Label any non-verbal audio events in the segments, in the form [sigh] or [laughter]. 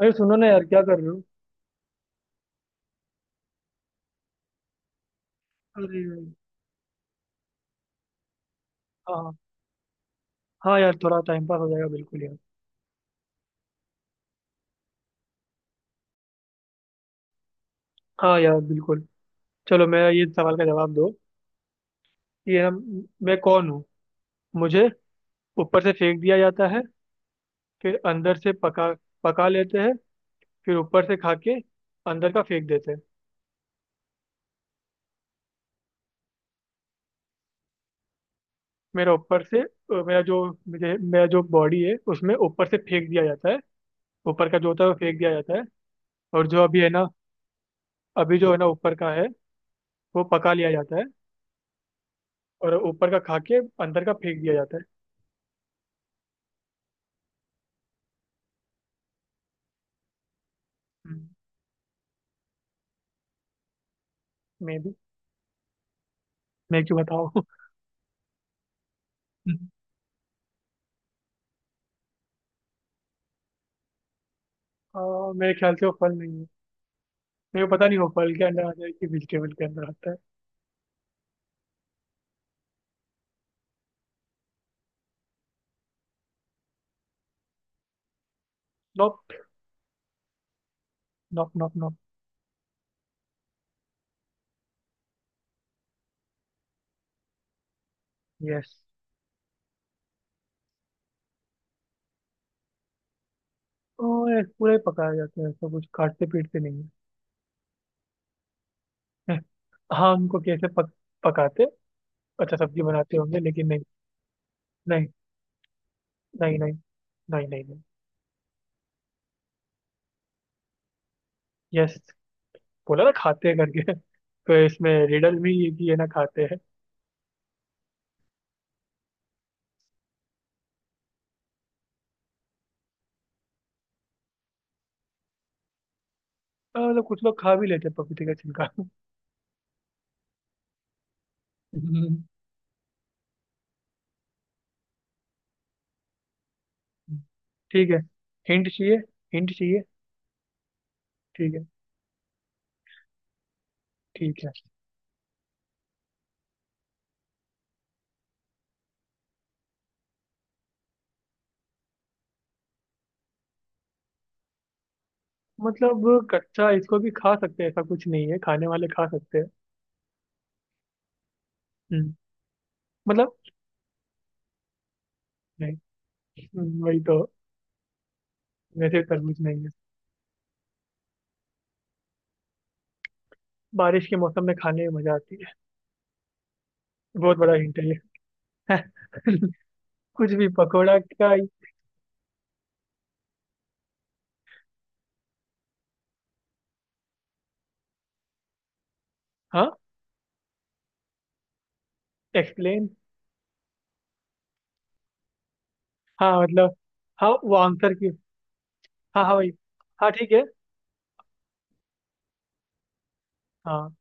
अरे सुनो ना यार, क्या कर रहे हो? अरे। हाँ हाँ। हाँ यार, थोड़ा टाइम पास हो जाएगा, बिल्कुल यार। हाँ यार बिल्कुल। चलो, मेरा ये सवाल का जवाब दो कि ये ना, मैं कौन हूँ। मुझे ऊपर से फेंक दिया जाता है, फिर अंदर से पका पका लेते हैं, फिर ऊपर से खा के अंदर का फेंक देते हैं। मेरा ऊपर से मेरा जो बॉडी है उसमें ऊपर से फेंक दिया जाता है। ऊपर का जो होता है वो फेंक दिया जाता है। और जो अभी है ना, अभी जो है ना ऊपर का है, वो पका लिया जाता है। और ऊपर का खा के अंदर का फेंक दिया जाता है। हम्म। मे भी। मैं क्यों बताऊँ? [laughs] हाँ मेरे ख्याल से वो फल नहीं है। मेरे को पता नहीं वो फल के अंदर आता है कि वेजिटेबल के अंदर आता है। Nope. Nope nope nope. Yes. और पूरा ही पकाया जाता है, ऐसा कुछ काटते पीटते नहीं है। [laughs] हाँ उनको कैसे पकाते? अच्छा सब्जी बनाते होंगे, लेकिन नहीं। नहीं। नहीं नहीं। नहीं नहीं नहीं। यस। बोला ना, खाते हैं करके। [laughs] तो इसमें रिडल भी ये कि ये ना खाते हैं। हाँ, मतलब कुछ लोग खा भी लेते हैं पपीते का छिलका। [laughs] ठीक है। हिंट चाहिए, हिंट चाहिए। ठीक है। ठीक है। मतलब कच्चा इसको भी खा सकते हैं ऐसा कुछ नहीं है, खाने वाले खा सकते हैं। हम्म, मतलब। नहीं। वही तो। वैसे तरबूज नहीं है। बारिश के मौसम में खाने में मजा आती है, बहुत बड़ा हिंट है ये। [laughs] कुछ भी पकोड़ा का। हाँ। एक्सप्लेन। हाँ मतलब। हाँ वो आंसर की। हाँ हाँ वही। हाँ ठीक है। हाँ।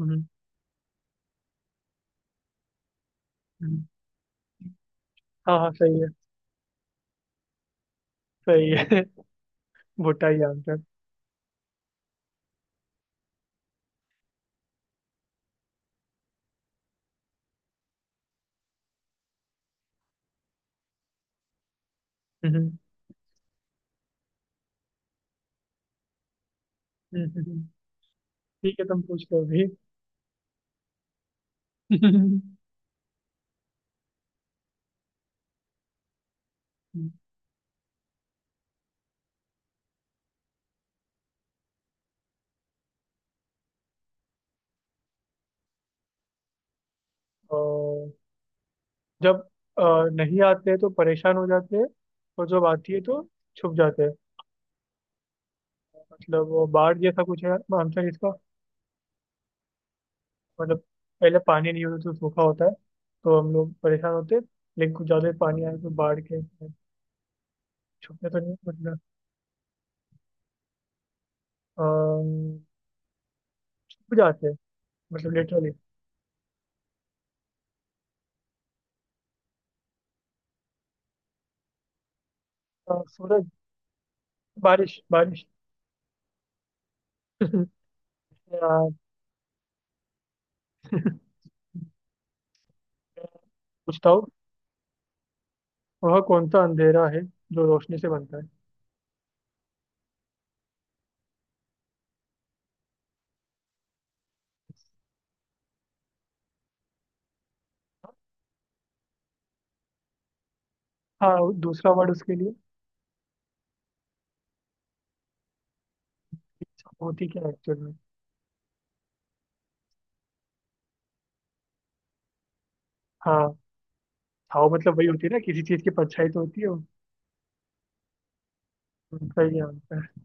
हम्म, हम्म। हाँ हाँ सही है। सही है। [laughs] भुट्टा ही आंसर। हम्म। हम्म। ठीक है, तुम पूछ लो अभी। [laughs] ओ। जब अ, नहीं आते हैं तो परेशान हो जाते हैं, और जब आती है तो छुप जाते हैं। मतलब वो बाढ़ जैसा कुछ है आंसर इसका? मतलब पहले पानी नहीं होता तो सूखा होता है, तो हम लोग परेशान होते हैं, लेकिन कुछ ज्यादा पानी आए तो बाढ़ के छुपते तो नहीं मतलब। अम, छुप जाते हैं, मतलब लिटरली। सूरज? बारिश बारिश। [laughs] या पूछता हूँ। वह कौन सा अंधेरा है जो रोशनी से बनता है? हाँ दूसरा वर्ड उसके लिए? होती क्या है एक्चुअल में? हाँ। हाँ मतलब वही होती है ना, किसी चीज की परछाई तो होती है। उनका ही होता है।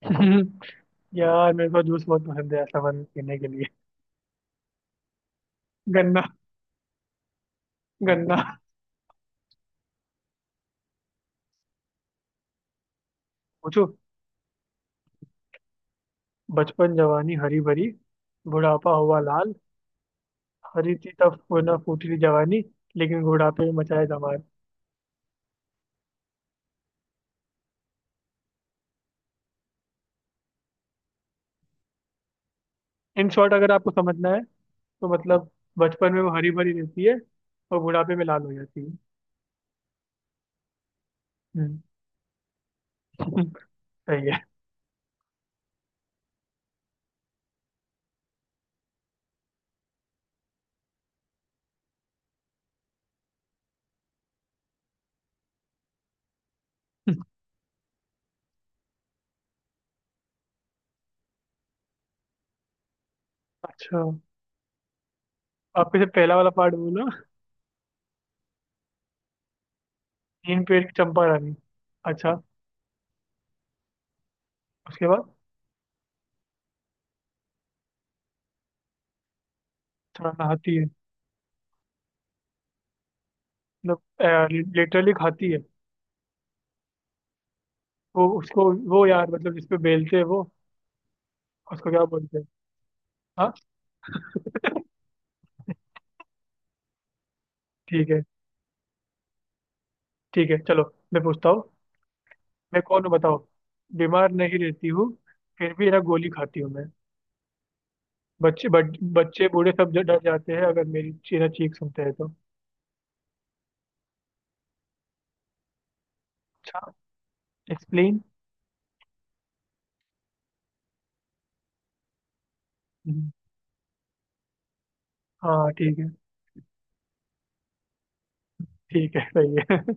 [laughs] यार मेरे को जूस बहुत पसंद है ऐसा बन पीने के लिए। गन्ना। गन्ना। पूछो। बचपन जवानी हरी भरी, बुढ़ापा हुआ लाल। हरी थी तब, ना फूटी थी जवानी, लेकिन बुढ़ापे में मचाया धमाल। इन शॉर्ट अगर आपको समझना है, तो मतलब बचपन में वो हरी भरी रहती है और बुढ़ापे में लाल हो जाती है। हम्म। [laughs] सही है। अच्छा। आपके से पहला वाला पार्ट बोला। तीन पेड़ की चंपा रानी। अच्छा। उसके बाद? हाँ नहाती है, मतलब लिटरली खाती है? वो उसको वो यार, मतलब जिसपे बेलते हैं वो, उसको क्या बोलते हैं? हाँ। ठीक है। ठीक है चलो, मैं पूछता हूँ। मैं कौन हूँ बताओ। बीमार नहीं रहती हूँ, फिर भी ना गोली खाती हूँ मैं। बच्चे बूढ़े सब डर जाते हैं अगर मेरी चीना चीख सुनते हैं तो। अच्छा। एक्सप्लेन। हाँ ठीक है। ठीक है सही है।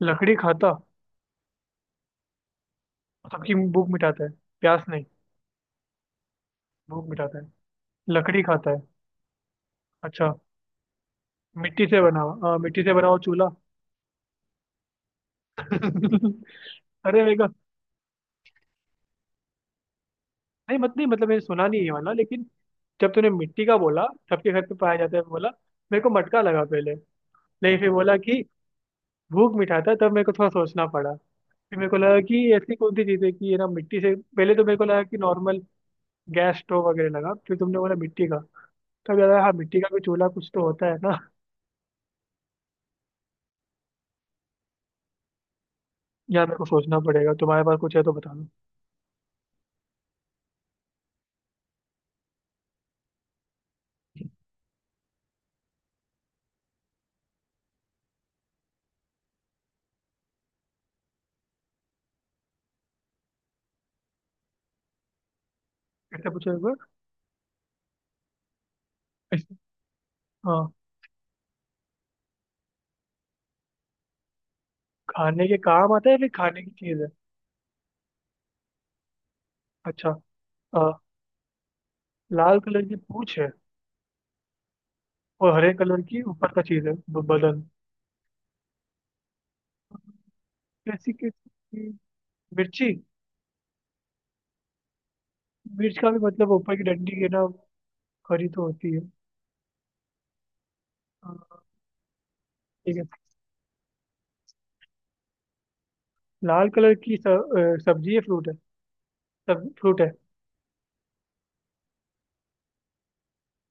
[laughs] लकड़ी खाता? सबकी भूख मिटाता है? प्यास नहीं? भूख मिटाता है, लकड़ी खाता है? अच्छा। मिट्टी से बना हुआ- हाँ मिट्टी से बना हुआ चूल्हा। अरे मेरे को। नहीं मत नहीं मतलब मैंने सुना नहीं ये वाला, लेकिन जब तूने मिट्टी का बोला, सबके घर पे पाया जाता है बोला, मेरे को मटका लगा पहले। नहीं, फिर बोला कि भूख मिठाता, तब मेरे को थोड़ा सोचना पड़ा। फिर मेरे को लगा कि ऐसी कौन सी चीज़ है कि ये ना मिट्टी से, पहले तो मेरे को लगा कि नॉर्मल गैस स्टोव वगैरह लगा, फिर तुमने बोला मिट्टी का, तब यार हाँ मिट्टी का कोई चूल्हा कुछ तो होता है ना। यार मेरे को सोचना पड़ेगा, तुम्हारे पास कुछ है तो बता दो। ऐसे पूछो एक बार। ऐसे- हाँ। खाने के काम आता है या फिर खाने की चीज़ है? अच्छा। अ, लाल कलर की पूंछ है और हरे कलर की ऊपर का चीज है बदन? कैसी कैसी। मिर्ची? मिर्च का भी मतलब ऊपर की डंडी के ना खरी तो होती है। हाँ। ठीक है। लाल कलर की सब्जी है फ्रूट है? सब फ्रूट है?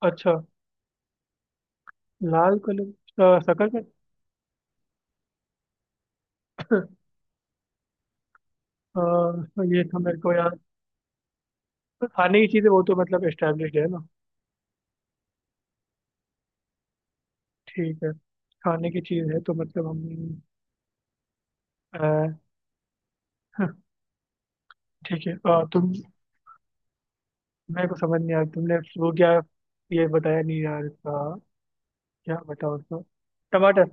अच्छा। लाल कलर का शकल है। [coughs] अ, ये तो मेरे को याद। खाने की चीजें वो तो मतलब एस्टेब्लिश है ना। ठीक है। खाने की चीज है तो मतलब हम अ, [laughs] ठीक है। तुम, मेरे को समझ नहीं आया तुमने। वो क्या? ये बताया नहीं यार इसका, क्या बताओ उसको। टमाटर?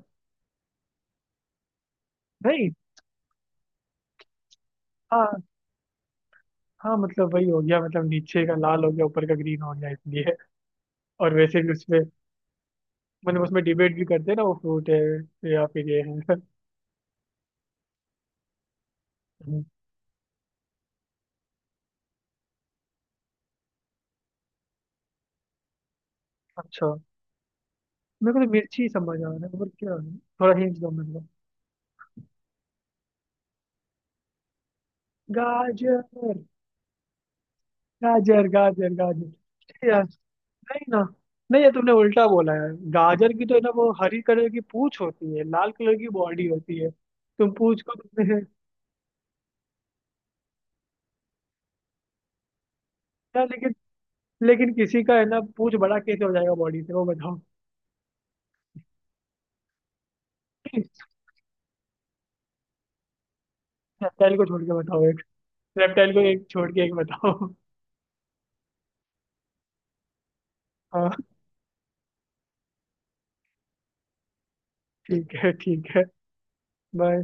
नहीं? हाँ। हाँ मतलब वही हो गया, मतलब नीचे का लाल हो गया, ऊपर का ग्रीन हो गया इसलिए। और वैसे भी उसमें, मतलब उसमें डिबेट भी करते हैं ना, वो फ्रूट है या फिर ये है। हम्म। [laughs] अच्छा। मेरे को तो मिर्ची समझ आ रहा है, और क्या है? थोड़ा हिंट दो मेरे को। गाजर? गाजर गाजर गाजर। अरे यार नहीं ना। नहीं यार, तुमने उल्टा बोला है। गाजर की तो है ना वो हरी कलर की पूंछ होती है, लाल कलर की बॉडी होती है। तुम पूंछ को तुमने [laughs] यार लेकिन, लेकिन किसी का है ना पूंछ बड़ा कैसे हो जाएगा बॉडी से, वो बताओ। रेप्टाइल को छोड़ के बताओ एक। रेप्टाइल को एक छोड़ के एक बताओ। हाँ ठीक है। ठीक है। बाय।